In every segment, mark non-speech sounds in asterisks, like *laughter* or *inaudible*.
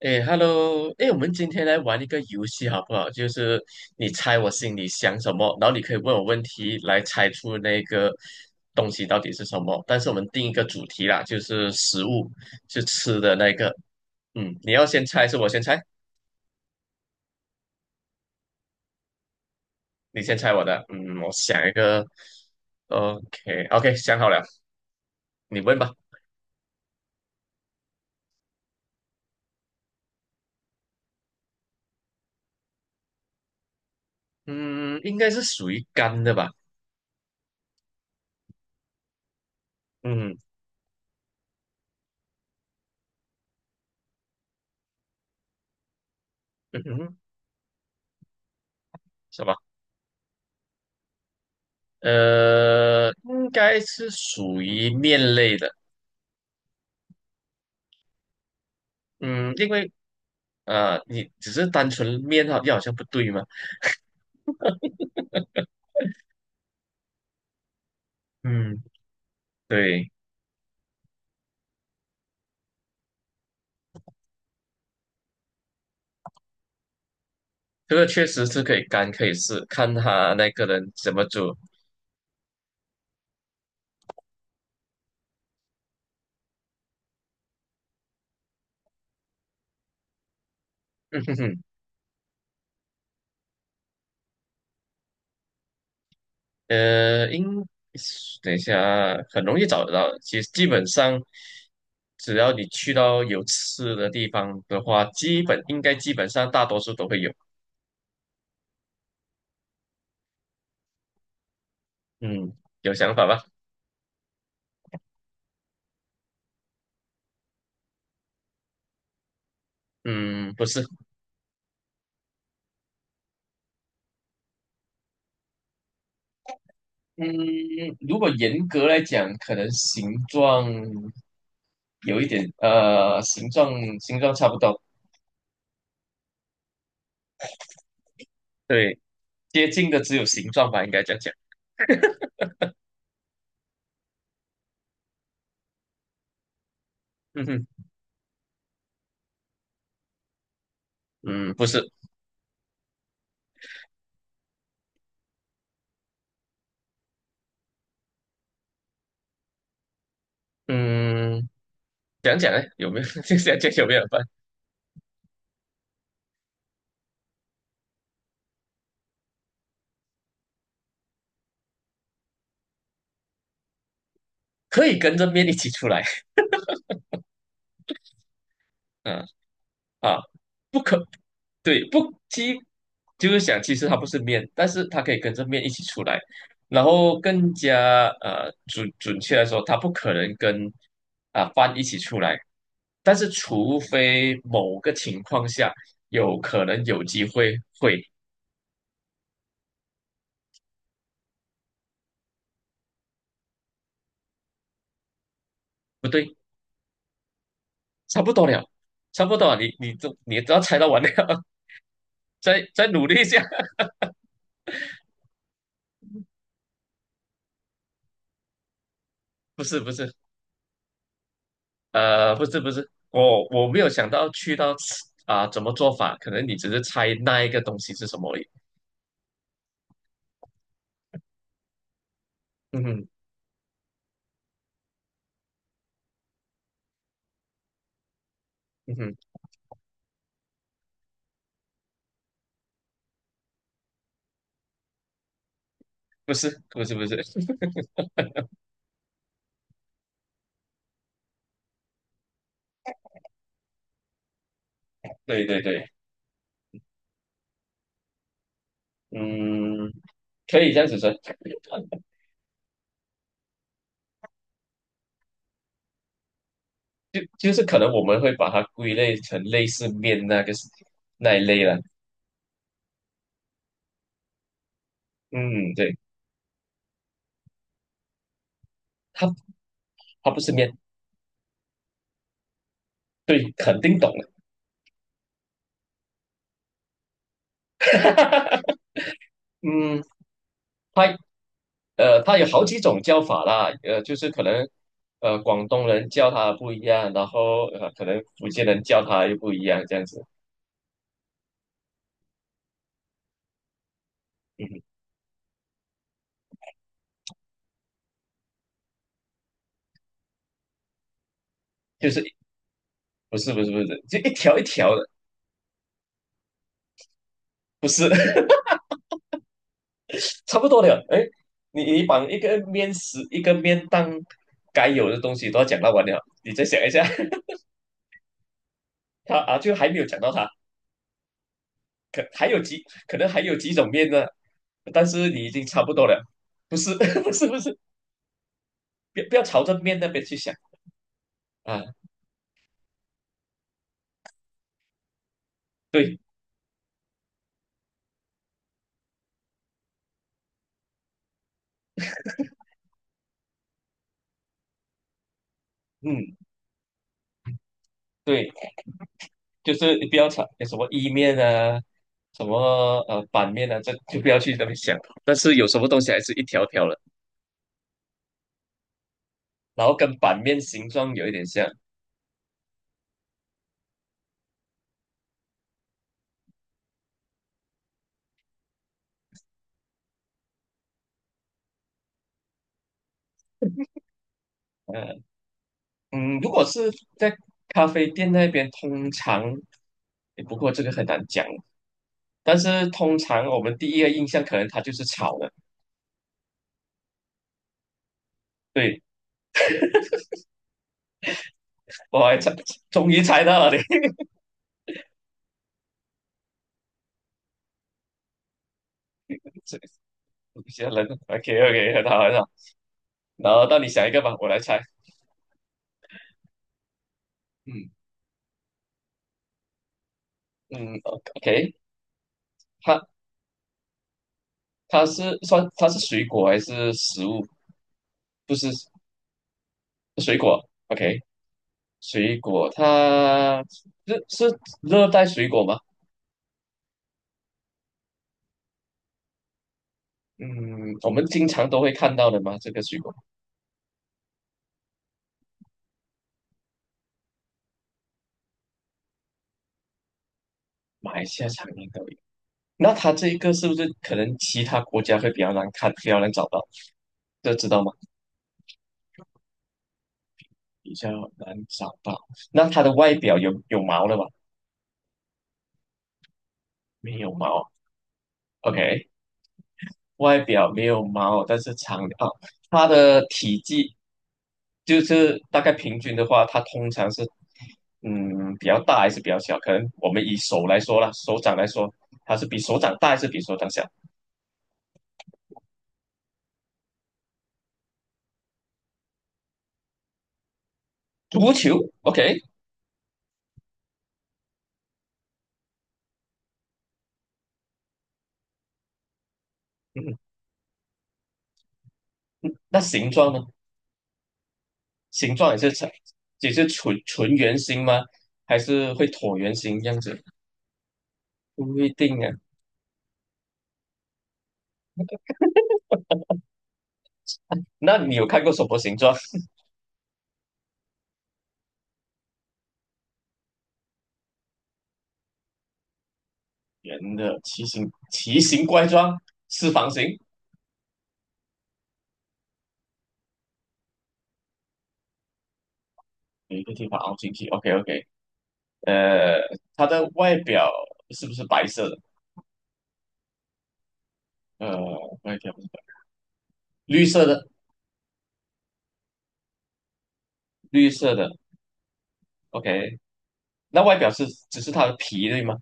哎，Hello，哎，我们今天来玩一个游戏好不好？就是你猜我心里想什么，然后你可以问我问题来猜出那个东西到底是什么。但是我们定一个主题啦，就是食物，是吃的那个。嗯，你要先猜，是我先猜，你先猜我的。嗯，我想一个。OK，OK，想好了，你问吧。嗯，应该是属于干的吧？嗯，嗯哼，什么？应该是属于面类的。嗯，因为你只是单纯面好像不对嘛。嗯，对，这个确实是可以干，可以试，看他那个人怎么做。嗯哼哼，呃，应等一下啊很容易找得到。其实基本上，只要你去到有吃的地方的话，基本上大多数都会有。嗯，有想法吧？嗯，不是。嗯，如果严格来讲，可能形状有一点，形状差不多，对，接近的只有形状吧，应该这样讲。嗯哼，嗯，不是，嗯，讲讲呢，有没有？*laughs* 就想讲有没有办？法可以跟着面一起出来，*laughs* 嗯啊，不可，对，不，其就是想，其实它不是面，但是它可以跟着面一起出来，然后更加准确来说，它不可能跟啊、饭一起出来。但是除非某个情况下有可能有机会会，不对，差不多了，差不多了，你都要猜到完了，*laughs* 再努力一下。*laughs* 不是不是，不是不是，我没有想到去到啊、怎么做法，可能你只是猜那一个东西是什么而已。嗯哼嗯哼，不是不是不是，*laughs* 对对对，嗯，可以这样子说，*laughs* 就是可能我们会把它归类成类似面那个那一类了。嗯，对。他他不是面，对，肯定懂了。*laughs* 嗯，他他有好几种叫法啦，就是可能广东人叫他不一样，然后可能福建人叫他又不一样，这样子。嗯，就是不是不是不是，就一条一条的，不是 *laughs* 差不多的。哎，你你把一个面食一个面当该有的东西都要讲到完了，你再想一下，*laughs* 他啊就还没有讲到他。可能还有几种面呢，但是你已经差不多了，不是 *laughs* 不是不是，不要不要朝着面那边去想啊，对，嗯对，就是你不要朝什么意面啊，什么板面啊，这就不要去那边想，但是有什么东西还是一条条的，然后跟板面形状有一点像，嗯、嗯，如果是在咖啡店那边，通常，诶不过这个很难讲，但是通常我们第一个印象可能它就是炒的，对。我还猜，终于猜到了你，*laughs* 这些人，OK OK，很好很好。然后到你想一个吧，我来猜。嗯嗯，OK，它它是算它是水果还是食物？不是水果，OK，水果它是热带水果吗？嗯，我们经常都会看到的吗？这个水果，马来西亚常年都有。那它这一个是不是可能其他国家会比较难看，比较难找到？这知道吗？比较难找到。那它的外表有毛了吧？没有毛，OK，外表没有毛，但是长啊，哦它的体积就是大概平均的话，它通常是嗯比较大还是比较小？可能我们以手来说啦，手掌来说，它是比手掌大还是比手掌小？足球，OK，嗯，那形状呢？形状也是呈，也是纯纯圆形吗？还是会椭圆形这样子？不一定啊。那你有看过什么形状？圆的，奇形怪状，四方形，有一个地方凹进去。OK OK，呃，它的外表是不是白色的？呃，外表不是绿色的，绿色的。OK，那外表是只是它的皮对吗？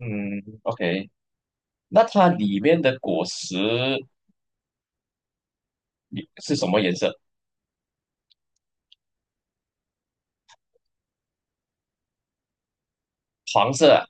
嗯，OK，那它里面的果实你是什么颜色？黄色啊？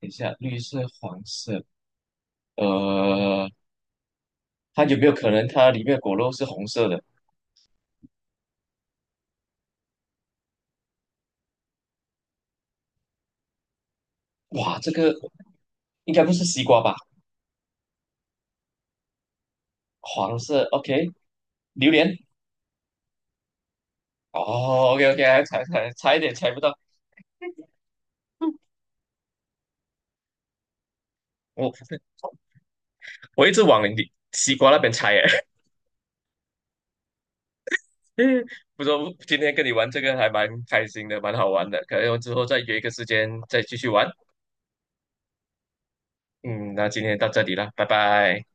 等一下，绿色、黄色，呃，它有没有可能它里面的果肉是红色的？哇，这个应该不是西瓜吧？黄色，OK，榴莲。哦，OK OK，还猜猜差一点猜不到，我我一直往你西瓜那边猜耶。*laughs* 不过今天跟你玩这个还蛮开心的，蛮好玩的，可能我之后再约一个时间再继续玩。嗯，那今天到这里了，拜拜。